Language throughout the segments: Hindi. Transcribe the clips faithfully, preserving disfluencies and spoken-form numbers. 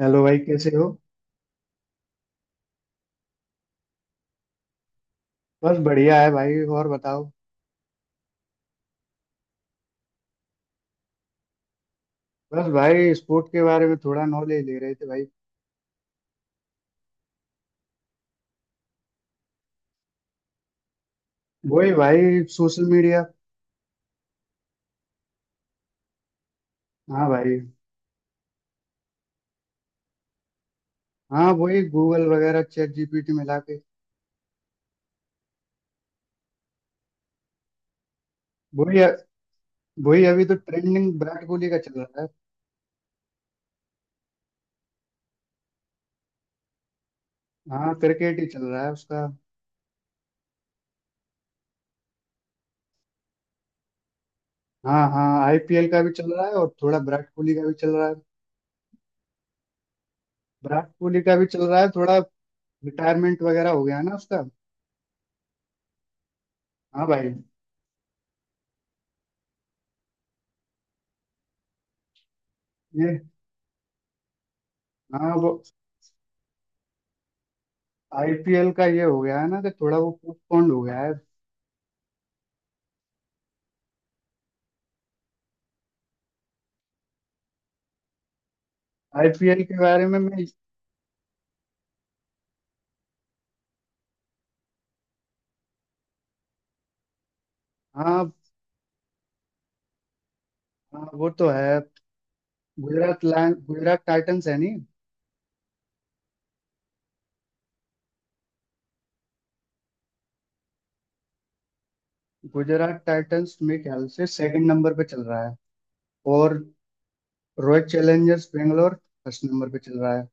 हेलो भाई, कैसे हो। बस बढ़िया है भाई, और बताओ। बस भाई, स्पोर्ट के बारे में थोड़ा नॉलेज ले रहे थे भाई। वही भाई, सोशल मीडिया। हाँ भाई। हाँ, वही गूगल वगैरह चैट जी पी टी मिला के। वही। वही, अभी तो ट्रेंडिंग विराट कोहली का चल रहा है। हाँ, क्रिकेट ही चल रहा है उसका। हाँ हाँ, आई पी एल का भी चल रहा है और थोड़ा विराट कोहली का भी चल रहा है। विराट कोहली का भी चल रहा है थोड़ा। रिटायरमेंट वगैरह हो गया है ना उसका। हाँ भाई। ये। हाँ वो। आई पी एल का ये हो गया है ना कि थोड़ा वो पोस्टपोन्ड हो गया है। आईपीएल के बारे में मैं। हाँ। हाँ, वो तो है। गुजरात लैंड गुजरात टाइटंस है नहीं। गुजरात टाइटंस मेरे ख्याल से सेकंड नंबर पे चल रहा है। और royal challengers Bangalore first number पे चल रहा है।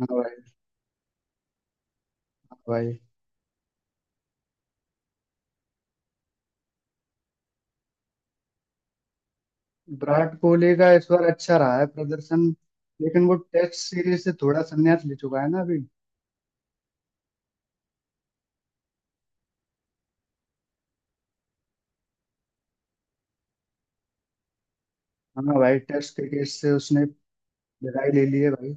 हाँ भाई। हाँ भाई। विराट कोहली का इस बार अच्छा रहा है प्रदर्शन। लेकिन वो टेस्ट सीरीज से थोड़ा संन्यास ले चुका है ना अभी। हाँ भाई, टेस्ट क्रिकेट से उसने विदाई ले ली है भाई।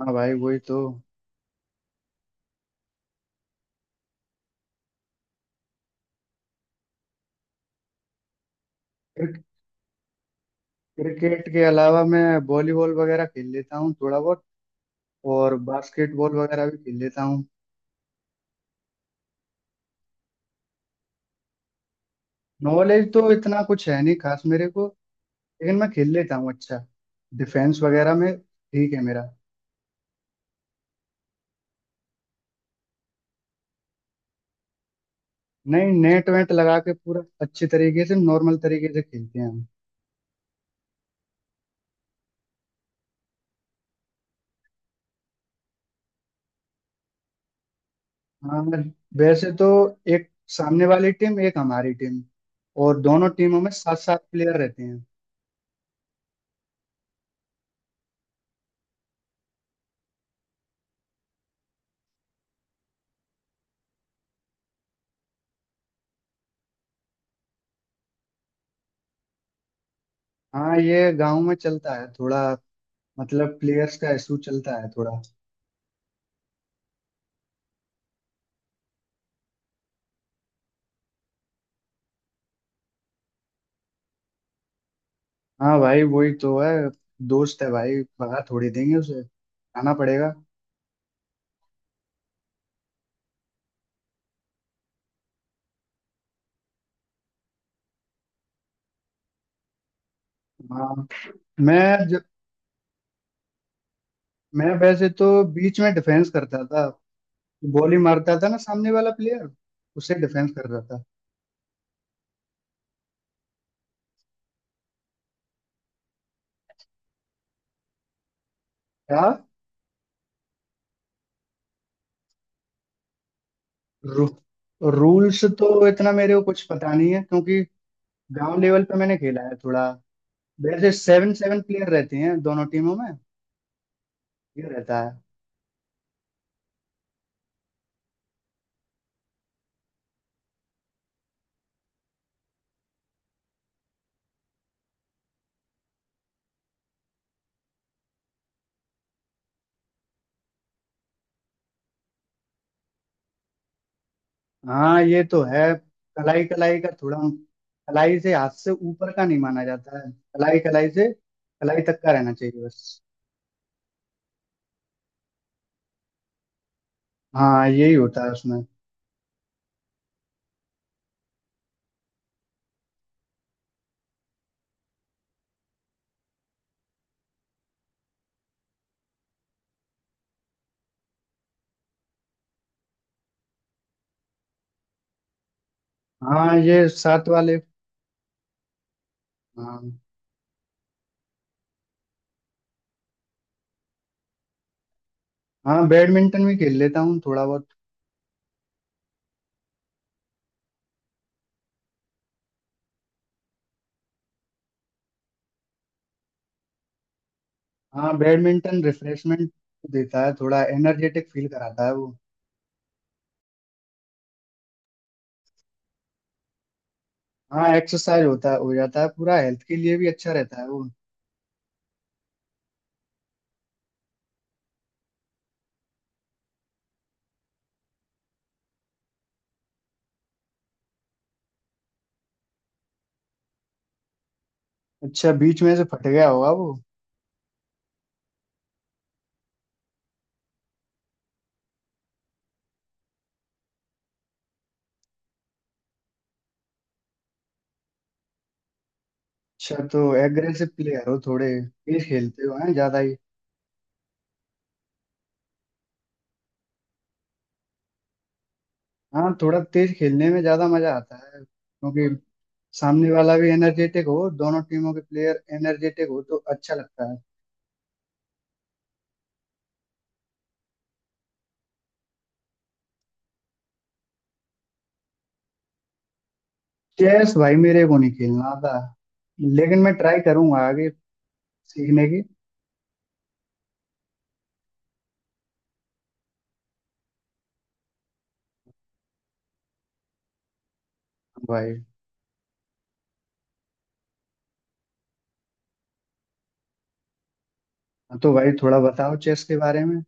हाँ भाई, वही तो। क्रिक- क्रिकेट के अलावा मैं वॉलीबॉल वगैरह खेल लेता हूँ थोड़ा बहुत। और बास्केटबॉल वगैरह भी खेल लेता हूँ। नॉलेज तो इतना कुछ है नहीं खास मेरे को। लेकिन मैं खेल लेता हूँ अच्छा। डिफेंस वगैरह में ठीक है मेरा। नहीं, नेट वेट लगा के पूरा अच्छे तरीके से नॉर्मल तरीके से खेलते हैं हम। हाँ, वैसे तो एक सामने वाली टीम एक हमारी टीम और दोनों टीमों में सात सात प्लेयर रहते हैं। हाँ, ये गांव में चलता है थोड़ा। मतलब प्लेयर्स का इशू चलता है थोड़ा। हाँ भाई, वही तो है। दोस्त है भाई। भगा थोड़ी देंगे उसे। आना पड़ेगा। हाँ। मैं ज, मैं वैसे तो बीच में डिफेंस करता था। बॉली मारता था ना सामने वाला प्लेयर, उसे डिफेंस कर रहा था। क्या। रू, रूल्स तो इतना मेरे को कुछ पता नहीं है क्योंकि गांव लेवल पे मैंने खेला है थोड़ा। वैसे सेवन सेवन प्लेयर रहते हैं दोनों टीमों में। ये रहता है। हाँ, ये तो है। कलाई कलाई का थोड़ा। कलाई से हाथ से ऊपर का नहीं माना जाता है, कलाई कलाई से कलाई तक का रहना चाहिए बस। हाँ, यही होता है उसमें। हाँ, ये सात वाले। हाँ। हाँ, बैडमिंटन भी खेल लेता हूँ थोड़ा बहुत। हाँ, बैडमिंटन रिफ्रेशमेंट देता है, थोड़ा एनर्जेटिक फील कराता है वो। हाँ, एक्सरसाइज होता है, हो जाता है पूरा, हेल्थ के लिए भी अच्छा रहता है वो। अच्छा, बीच में से फट गया होगा वो। अच्छा, तो एग्रेसिव प्लेयर हो थोड़े, तेज खेलते हो हैं ज्यादा ही। हाँ, थोड़ा तेज खेलने में ज्यादा मजा आता है क्योंकि सामने वाला भी एनर्जेटिक हो, दोनों टीमों के प्लेयर एनर्जेटिक हो तो अच्छा लगता है। चेस भाई मेरे को नहीं खेलना आता, लेकिन मैं ट्राई करूंगा आगे सीखने की। भाई। हाँ, तो भाई थोड़ा बताओ चेस के बारे में।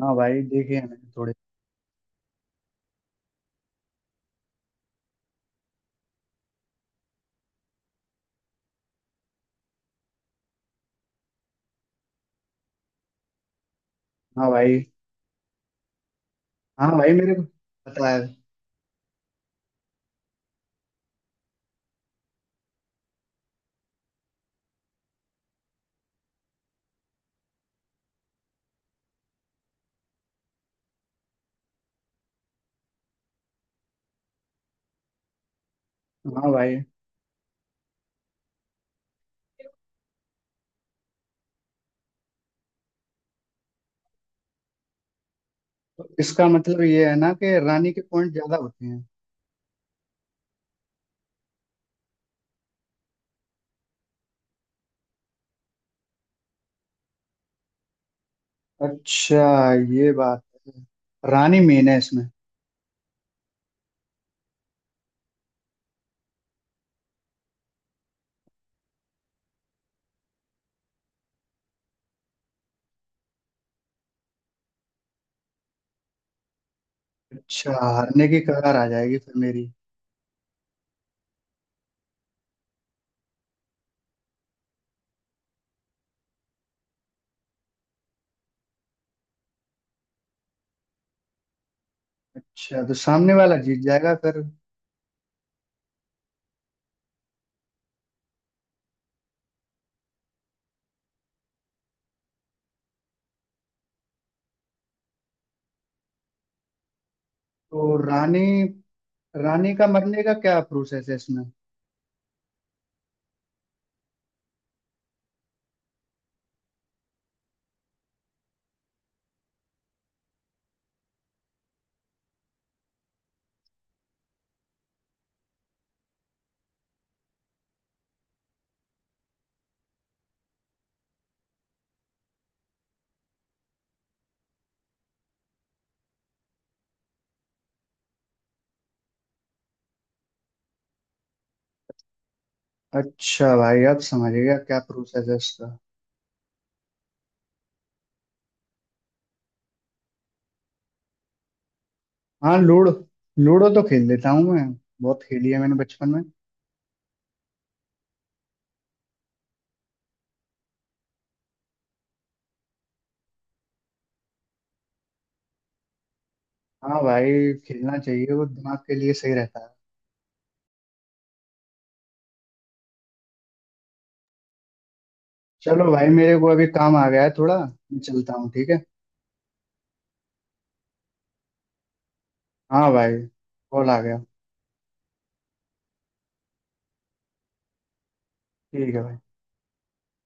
हाँ भाई, देखे हैं मैंने थोड़े। हाँ भाई। हाँ भाई मेरे को पता है। हाँ भाई। तो इसका मतलब ये है ना कि रानी के पॉइंट ज्यादा होते हैं। अच्छा, ये बात है। रानी मेन है इसमें। अच्छा, हारने की कगार आ जाएगी फिर मेरी। अच्छा, तो सामने वाला जीत जाएगा फिर। तो रानी रानी का मरने का क्या प्रोसेस है इसमें। अच्छा भाई, अब समझ गया क्या प्रोसेस है इसका। हाँ लूडो। लूडो तो खेल लेता हूँ मैं। बहुत खेली है मैंने बचपन में। हाँ भाई, खेलना चाहिए, वो दिमाग के लिए सही रहता है। चलो भाई, मेरे को अभी काम आ गया है थोड़ा। मैं चलता हूँ, ठीक है। हाँ भाई। कॉल आ गया। ठीक है भाई।